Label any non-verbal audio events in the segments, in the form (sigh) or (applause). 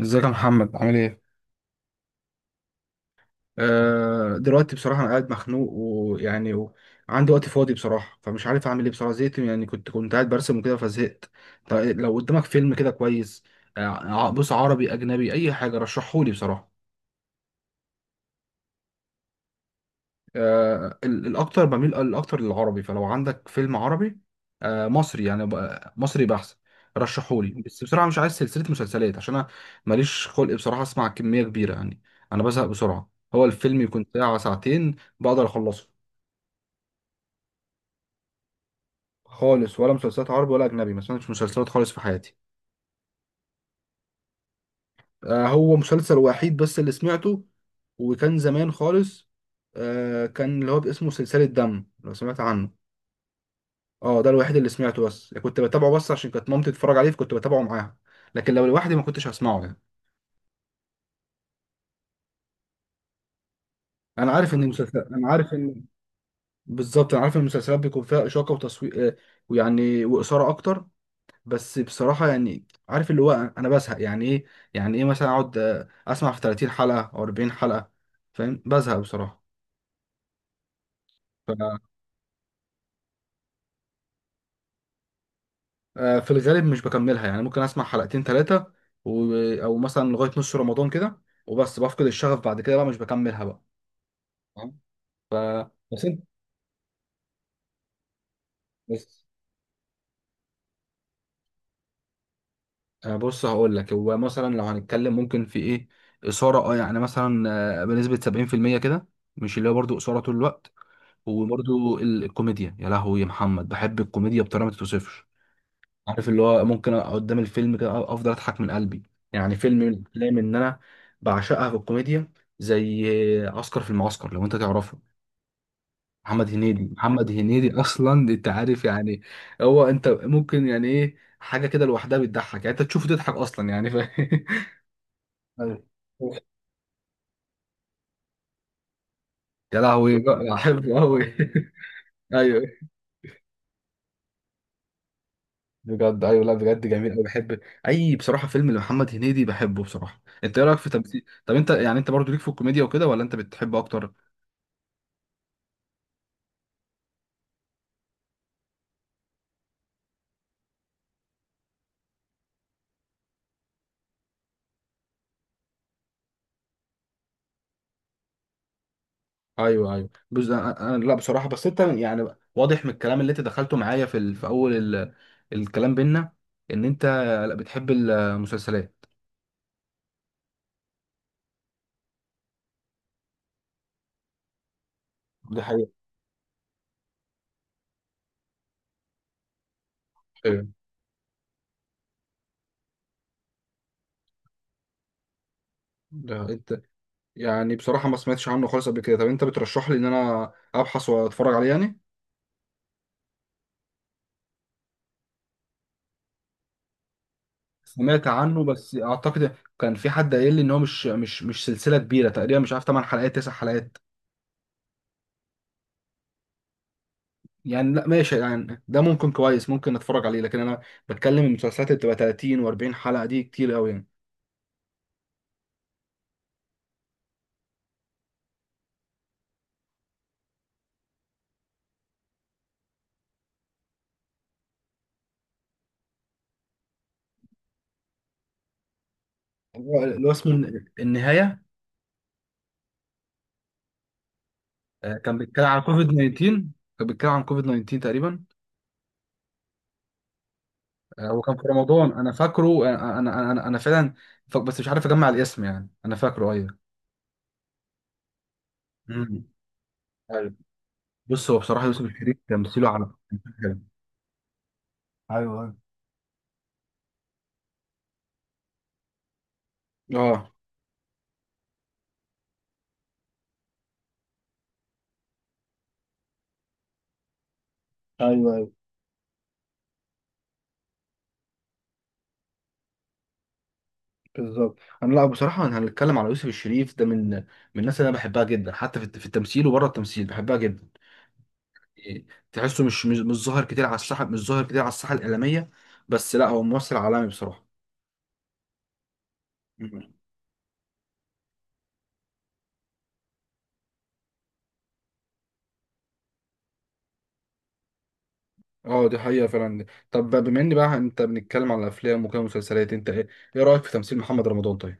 ازيك يا محمد، عامل ايه؟ دلوقتي بصراحة أنا قاعد مخنوق وعندي وقت فاضي بصراحة، فمش عارف أعمل إيه بصراحة. زهقت يعني، كنت قاعد برسم وكده فزهقت. طيب، لو قدامك فيلم كده كويس. بص، عربي أجنبي أي حاجة رشحهولي بصراحة. الاكتر بميل الاكتر للعربي، فلو عندك فيلم عربي. مصري يعني مصري بحث. رشحولي بس بسرعه، مش عايز سلسله مسلسلات عشان انا ماليش خلق بصراحه اسمع كميه كبيره يعني. انا بزهق بسرعه، هو الفيلم يكون ساعه ساعتين بقدر اخلصه. خالص، ولا مسلسلات عربي ولا اجنبي، ما سمعتش مسلسلات خالص في حياتي. هو مسلسل وحيد بس اللي سمعته، وكان زمان خالص. كان اللي هو اسمه سلسله دم، لو سمعت عنه. اه، ده الوحيد اللي سمعته بس، يعني كنت بتابعه بس عشان كانت مامتي تتفرج عليه فكنت بتابعه معاها، لكن لو لوحدي ما كنتش هسمعه يعني. انا عارف ان، بالظبط انا عارف ان المسلسلات بيكون فيها اشاقه وتصوير ويعني واثاره اكتر. بس بصراحه يعني عارف اللي هو انا بزهق يعني ايه. يعني ايه، مثلا اقعد اسمع في 30 حلقه او 40 حلقه، فاهم؟ بزهق بصراحه. ف آه، في الغالب مش بكملها يعني، ممكن اسمع حلقتين ثلاثه و... او مثلا لغايه نص رمضان كده، وبس بفقد الشغف بعد كده بقى مش بكملها بقى. ف بس انت بس بص هقول لك، هو مثلا لو هنتكلم ممكن في ايه، اثاره يعني مثلا بنسبه 70% كده، مش اللي هو برضه اثاره طول الوقت. وبرضه الكوميديا، يا لهوي يا محمد بحب الكوميديا بطريقه ما تتوصفش. عارف اللي هو ممكن أقعد قدام الفيلم كده افضل اضحك من قلبي. يعني فيلم من الافلام ان انا بعشقها في الكوميديا، زي عسكر في المعسكر، لو انت تعرفه. محمد هنيدي، اصلا انت عارف يعني. هو انت ممكن يعني ايه حاجه كده لوحدها بتضحك، يعني انت تشوفه تضحك اصلا يعني (laughs) أيوة. يا لهوي بقى، بحبه قوي. (laughs) ايوه. بجد ايوه، لا بجد جميل قوي بحب. اي بصراحه فيلم لمحمد هنيدي بحبه بصراحه. انت ايه رايك في تمثيل؟ طب انت يعني، انت برضو ليك في الكوميديا وكده ولا انت بتحب اكتر؟ ايوه ايوه، بص لا بصراحه، بس انت يعني واضح من الكلام اللي انت دخلته معايا في في اول الكلام بينا، ان انت لا بتحب المسلسلات. دي حقيقة. ايوه ده انت، يعني بصراحه ما سمعتش عنه خالص قبل كده. طب انت بترشح لي ان انا ابحث واتفرج عليه يعني. سمعت عنه، بس اعتقد كان في حد قايل لي ان هو مش سلسله كبيره، تقريبا مش عارف 8 حلقات 9 حلقات يعني. لا ماشي يعني، ده ممكن كويس، ممكن اتفرج عليه، لكن انا بتكلم المسلسلات اللي بتبقى 30 و40 حلقه، دي كتير قوي يعني. هو اللي هو اسمه النهاية. كان بيتكلم عن كوفيد 19، كان بيتكلم عن كوفيد 19 تقريبا. وكان في رمضان انا فاكره. أنا فعلا بس مش عارف اجمع الاسم يعني، انا فاكره ايوه. مم. أيوة. بص، هو بصراحة يوسف الشريف تمثيله على، ايوه. ايوه اه ايوه ايوه. بالظبط انا، لا بصراحه انا هنتكلم على يوسف الشريف ده من الناس اللي انا بحبها جدا، حتى في التمثيل وبره التمثيل بحبها جدا. إيه، تحسه مش ظاهر كتير على الساحه، مش ظاهر كتير على الساحه الاعلاميه، بس لا هو ممثل عالمي بصراحه. اه دي حقيقة فعلا. طب بما ان بقى انت بنتكلم على الافلام وكده مسلسلات، انت ايه رأيك في تمثيل محمد رمضان؟ طيب.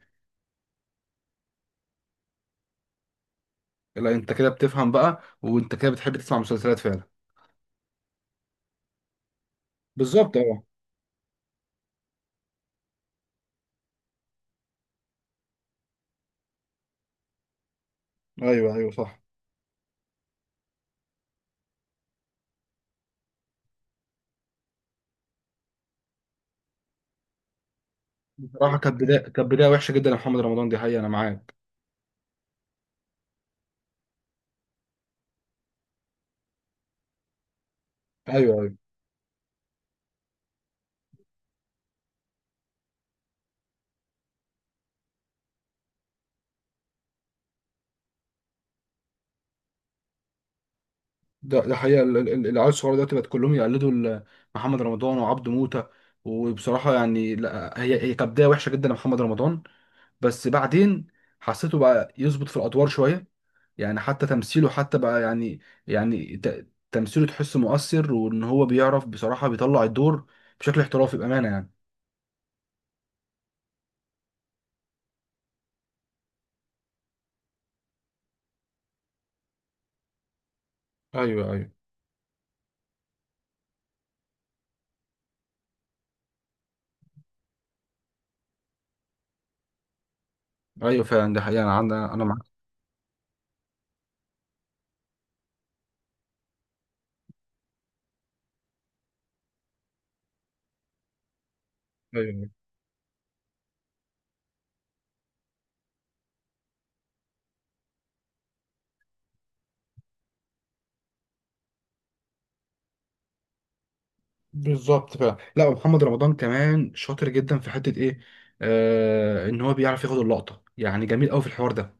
لا انت كده بتفهم بقى، وانت كده بتحب تسمع مسلسلات فعلا. بالظبط اه. ايوه ايوه صح. بصراحة، كانت بداية وحشة جدا لمحمد رمضان، دي حقيقة انا معاك. ايوه ايوه، ده حقيقة العيال الصغيرة دلوقتي بقت كلهم يقلدوا محمد رمضان وعبده موتة. وبصراحة يعني، لا هي كانت بداية وحشة جدا لمحمد رمضان، بس بعدين حسيته بقى يظبط في الادوار شويه. يعني حتى تمثيله، حتى بقى يعني، يعني تمثيله تحس مؤثر، وان هو بيعرف بصراحه بيطلع الدور بشكل احترافي بامانه يعني. ايوه ايوه ايوه فعلا، ده حقيقه انا عندي، انا معاك. ايوه بالظبط فعلا. لا، ومحمد رمضان كمان شاطر جدا في حته ايه، آه، ان هو بيعرف ياخد اللقطه، يعني جميل قوي في الحوار ده.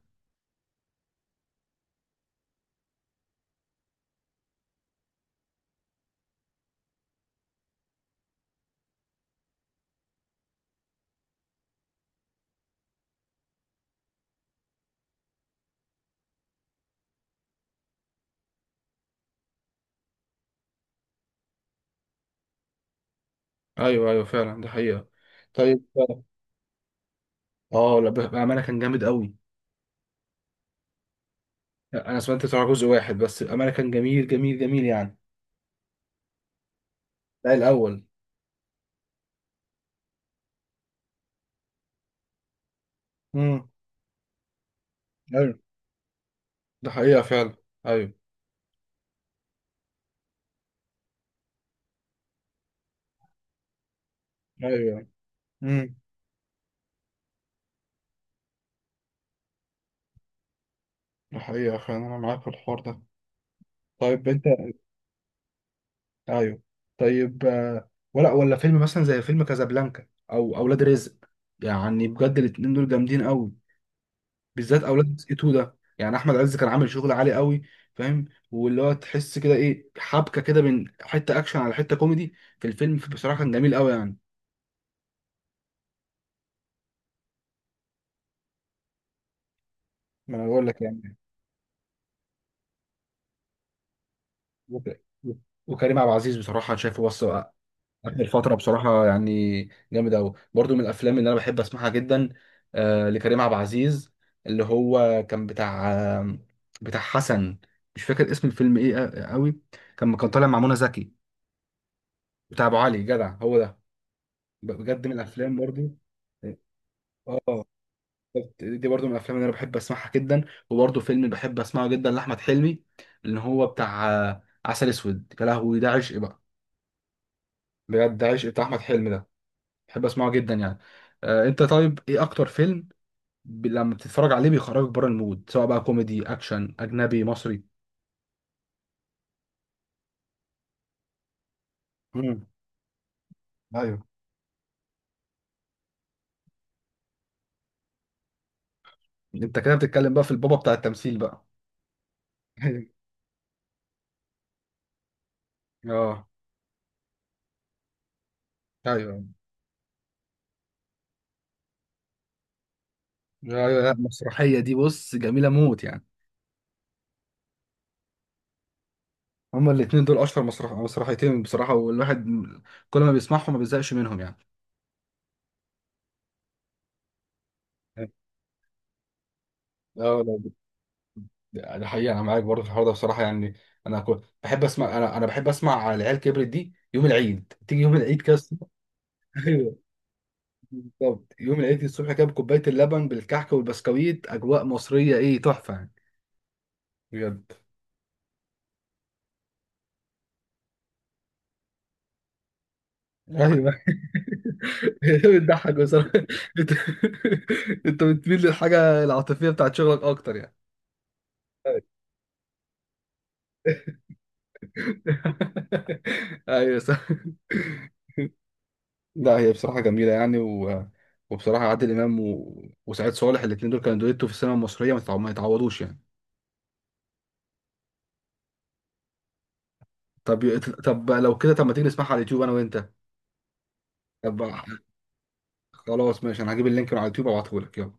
ايوه ايوه فعلا، ده حقيقة. طيب. اه لا بامانه كان جامد قوي. لا، انا سمعت بتاع جزء واحد بس، الامانه كان جميل جميل جميل يعني. لا الاول. امم. ايوه ده حقيقه فعلا. ايوه. ايوه امم، ده حقيقه فعلا انا معاك في الحوار ده. طيب انت. ايوه طيب. ولا فيلم مثلا زي فيلم كازابلانكا او اولاد رزق، يعني بجد الاتنين دول جامدين قوي، بالذات اولاد رزق 2 ده. يعني احمد عز كان عامل شغل عالي قوي، فاهم، واللي هو تحس كده ايه حبكه كده، من حته اكشن على حته كوميدي في الفيلم، بصراحه كان جميل قوي يعني. ما انا بقول لك يعني. وك- وكريم عبد العزيز بصراحة أنا شايفه بص آخر فترة، بصراحة يعني جامد أوي برضو، من الأفلام اللي أنا بحب أسمعها جدا. آه لكريم عبد العزيز، اللي هو كان بتاع بتاع حسن، مش فاكر اسم الفيلم إيه، أوي. كان طالع مع منى زكي. بتاع أبو علي، جدع هو ده. بجد من الأفلام برضو. اه دي برضو من الافلام اللي انا بحب اسمعها جدا. وبرضو فيلم اللي بحب اسمعه جدا لاحمد حلمي، اللي هو بتاع عسل اسود، يا لهوي ده عشق بقى. بجد عشق بتاع احمد حلمي ده، بحب اسمعه جدا يعني. آه انت، طيب ايه اكتر فيلم لما بتتفرج عليه بيخرجك بره المود، سواء بقى كوميدي اكشن اجنبي مصري؟ امم. ايوه. انت كده بتتكلم بقى في البابا بتاع التمثيل بقى. ايوه اه ايوه ايوه. لا المسرحيه دي بص جميله موت يعني. هما الاتنين دول اشهر مسرحيتين بصراحه، والواحد كل ما بيسمعهم ما بيزهقش منهم يعني. اه لا. ده حقيقة أنا معاك برضه في الحوار ده بصراحة يعني. أنا كنت بحب أسمع، أنا بحب أسمع على العيال كبرت دي يوم العيد، تيجي يوم العيد كده الصبح. (laughs) أيوه. بالظبط يوم العيد الصبح كده بكوباية اللبن بالكحك والبسكويت، أجواء مصرية إيه، تحفة يعني. بجد. لا أيوه. (laughs) بتضحك بصراحة. أنت، (laughs) أنت بتميل للحاجة العاطفية بتاعت شغلك أكتر يعني. (laughs) أيوه صح. لا هي بصراحة جميلة يعني وبصراحة عادل إمام وسعيد صالح الاتنين دول كانوا دويتو في السينما المصرية، ما يتعوضوش يعني. طب لو كده، طب ما تيجي نسمعها على اليوتيوب أنا وأنت؟ طب خلاص ماشي، أنا هجيب اللينك من على اليوتيوب وأبعتهولك، يلا.